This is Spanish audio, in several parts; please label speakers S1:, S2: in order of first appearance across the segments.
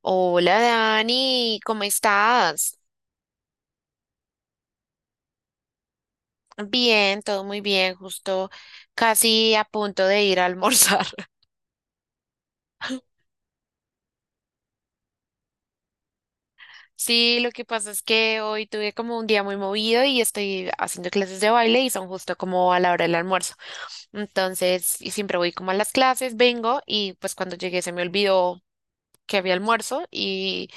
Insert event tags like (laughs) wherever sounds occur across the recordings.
S1: Hola Dani, ¿cómo estás? Bien, todo muy bien, justo casi a punto de ir a almorzar. (laughs) Sí, lo que pasa es que hoy tuve como un día muy movido y estoy haciendo clases de baile y son justo como a la hora del almuerzo. Entonces, y siempre voy como a las clases, vengo y pues cuando llegué se me olvidó que había almuerzo y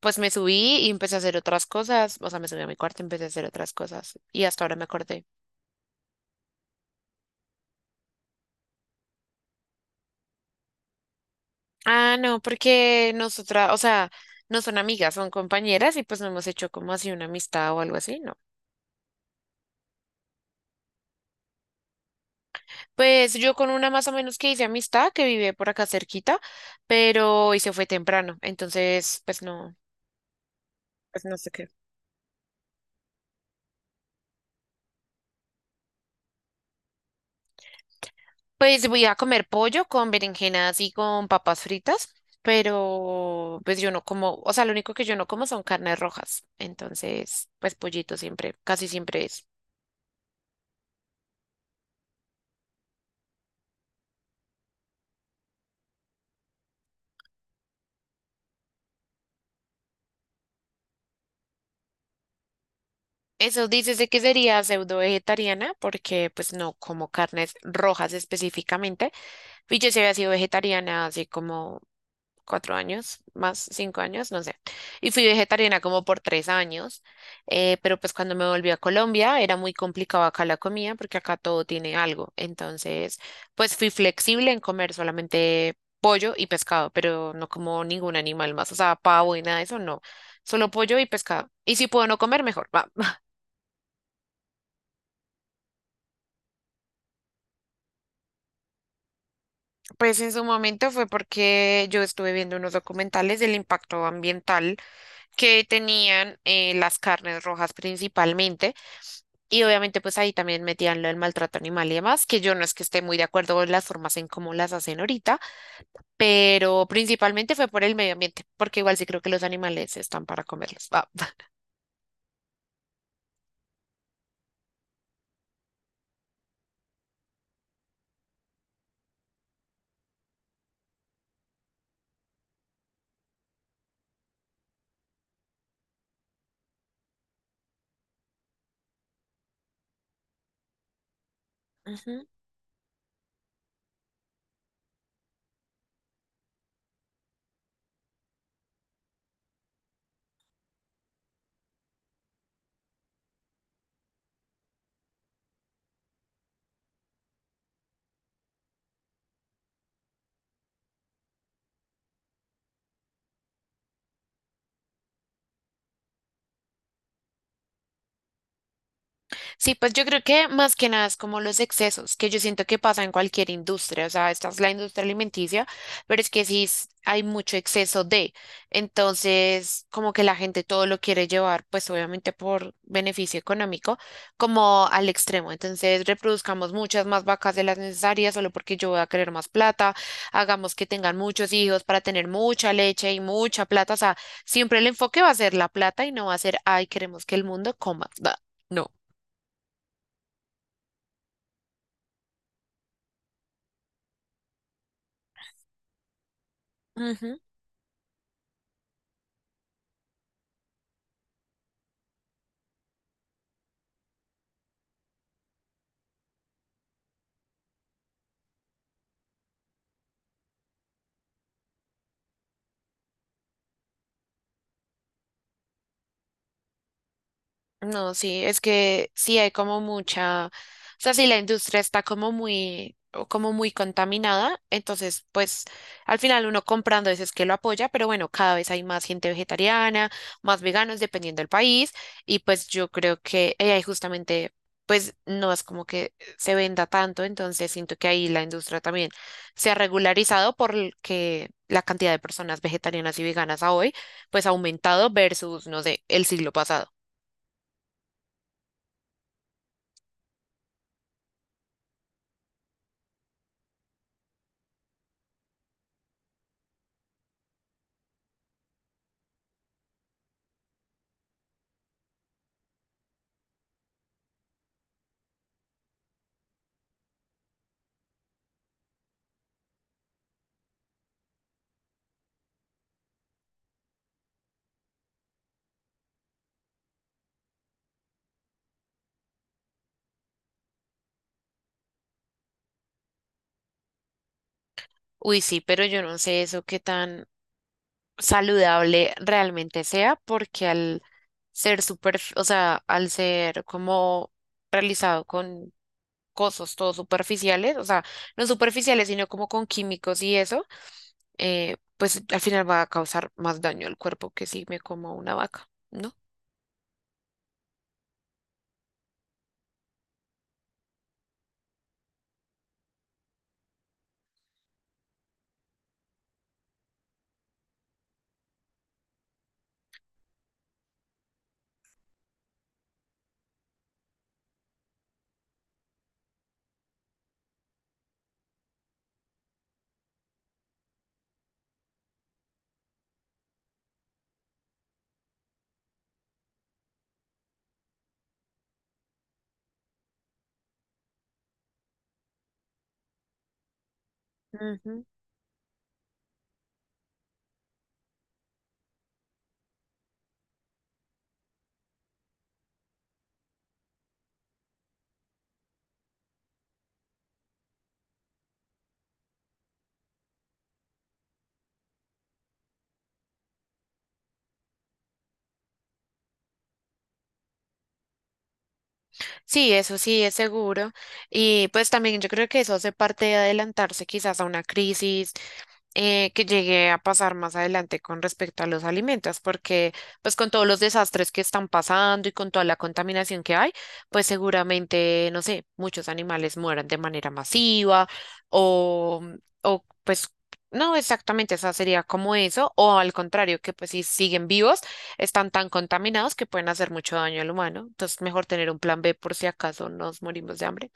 S1: pues me subí y empecé a hacer otras cosas, o sea, me subí a mi cuarto y empecé a hacer otras cosas y hasta ahora me acordé. Ah, no, porque nosotras, o sea, no son amigas, son compañeras y pues no hemos hecho como así una amistad o algo así, ¿no? Pues yo con una más o menos que hice amistad, que vive por acá cerquita, pero y se fue temprano, entonces pues no sé qué. Pues voy a comer pollo con berenjenas y con papas fritas, pero pues yo no como, o sea, lo único que yo no como son carnes rojas, entonces pues pollito siempre, casi siempre es. Eso dices de que sería pseudo vegetariana porque pues no como carnes rojas específicamente. Y yo sí había sido vegetariana hace como 4 años, más 5 años, no sé. Y fui vegetariana como por 3 años. Pero pues cuando me volví a Colombia era muy complicado acá la comida porque acá todo tiene algo. Entonces pues fui flexible en comer solamente pollo y pescado, pero no como ningún animal más. O sea, pavo y nada de eso, no. Solo pollo y pescado. Y si puedo no comer, mejor. Pues en su momento fue porque yo estuve viendo unos documentales del impacto ambiental que tenían las carnes rojas principalmente y obviamente pues ahí también metían lo del maltrato animal y demás, que yo no es que esté muy de acuerdo con las formas en cómo las hacen ahorita, pero principalmente fue por el medio ambiente, porque igual sí creo que los animales están para comerlos. Ah. Ujú. Sí, pues yo creo que más que nada es como los excesos, que yo siento que pasa en cualquier industria, o sea, esta es la industria alimenticia, pero es que sí hay mucho exceso de, entonces como que la gente todo lo quiere llevar, pues obviamente por beneficio económico, como al extremo, entonces reproduzcamos muchas más vacas de las necesarias solo porque yo voy a querer más plata, hagamos que tengan muchos hijos para tener mucha leche y mucha plata, o sea, siempre el enfoque va a ser la plata y no va a ser, ay, queremos que el mundo coma. No. Ujú. No, sí, es que sí hay como mucha, o sea, sí la industria está como muy, o como muy contaminada, entonces pues al final uno comprando eso es que lo apoya, pero bueno, cada vez hay más gente vegetariana, más veganos dependiendo del país y pues yo creo que ahí justamente pues no es como que se venda tanto, entonces siento que ahí la industria también se ha regularizado porque la cantidad de personas vegetarianas y veganas a hoy pues ha aumentado versus, no sé, el siglo pasado. Uy, sí, pero yo no sé eso qué tan saludable realmente sea, porque al ser super, o sea, al ser como realizado con cosas todo superficiales, o sea, no superficiales, sino como con químicos y eso, pues al final va a causar más daño al cuerpo que si me como una vaca, ¿no? Ujú. Sí, eso sí es seguro. Y pues también yo creo que eso hace parte de adelantarse quizás a una crisis que llegué a pasar más adelante con respecto a los alimentos, porque pues con todos los desastres que están pasando y con toda la contaminación que hay, pues seguramente, no sé, muchos animales mueran de manera masiva o, o pues no exactamente, esa sería como eso, o al contrario, que pues si siguen vivos, están tan contaminados que pueden hacer mucho daño al humano, entonces mejor tener un plan B por si acaso nos morimos de hambre.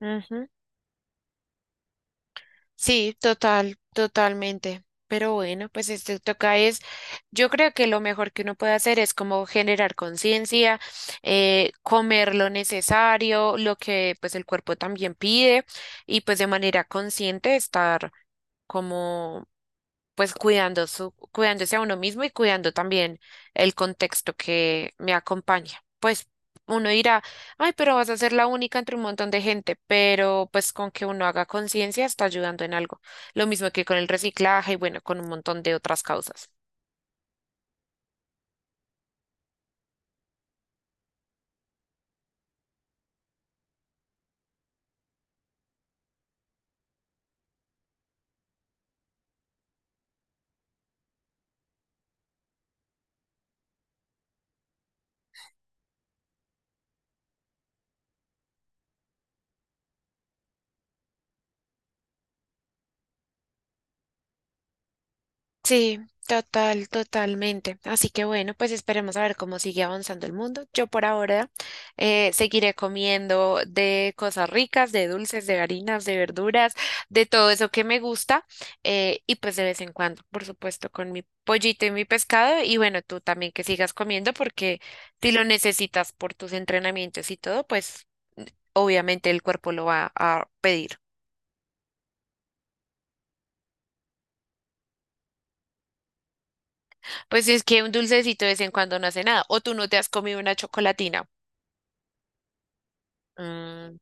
S1: Ah. Sí, total, totalmente. Pero bueno, pues esto toca es, yo creo que lo mejor que uno puede hacer es como generar conciencia, comer lo necesario, lo que pues el cuerpo también pide y pues de manera consciente estar como pues cuidando su, cuidándose a uno mismo y cuidando también el contexto que me acompaña. Pues uno dirá, ay, pero vas a ser la única entre un montón de gente, pero pues con que uno haga conciencia está ayudando en algo. Lo mismo que con el reciclaje y bueno, con un montón de otras causas. Sí, total, totalmente. Así que bueno, pues esperemos a ver cómo sigue avanzando el mundo. Yo por ahora seguiré comiendo de cosas ricas, de dulces, de harinas, de verduras, de todo eso que me gusta y pues de vez en cuando, por supuesto, con mi pollito y mi pescado y bueno, tú también que sigas comiendo porque si lo necesitas por tus entrenamientos y todo, pues obviamente el cuerpo lo va a pedir. Pues es que un dulcecito de vez en cuando no hace nada o tú no te has comido una chocolatina. Mm,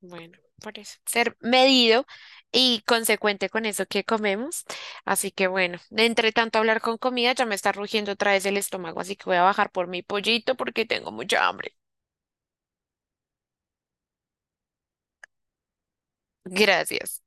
S1: bueno, por eso. Ser medido y consecuente con eso que comemos. Así que bueno, de entre tanto hablar con comida, ya me está rugiendo otra vez el estómago, así que voy a bajar por mi pollito porque tengo mucha hambre. Gracias.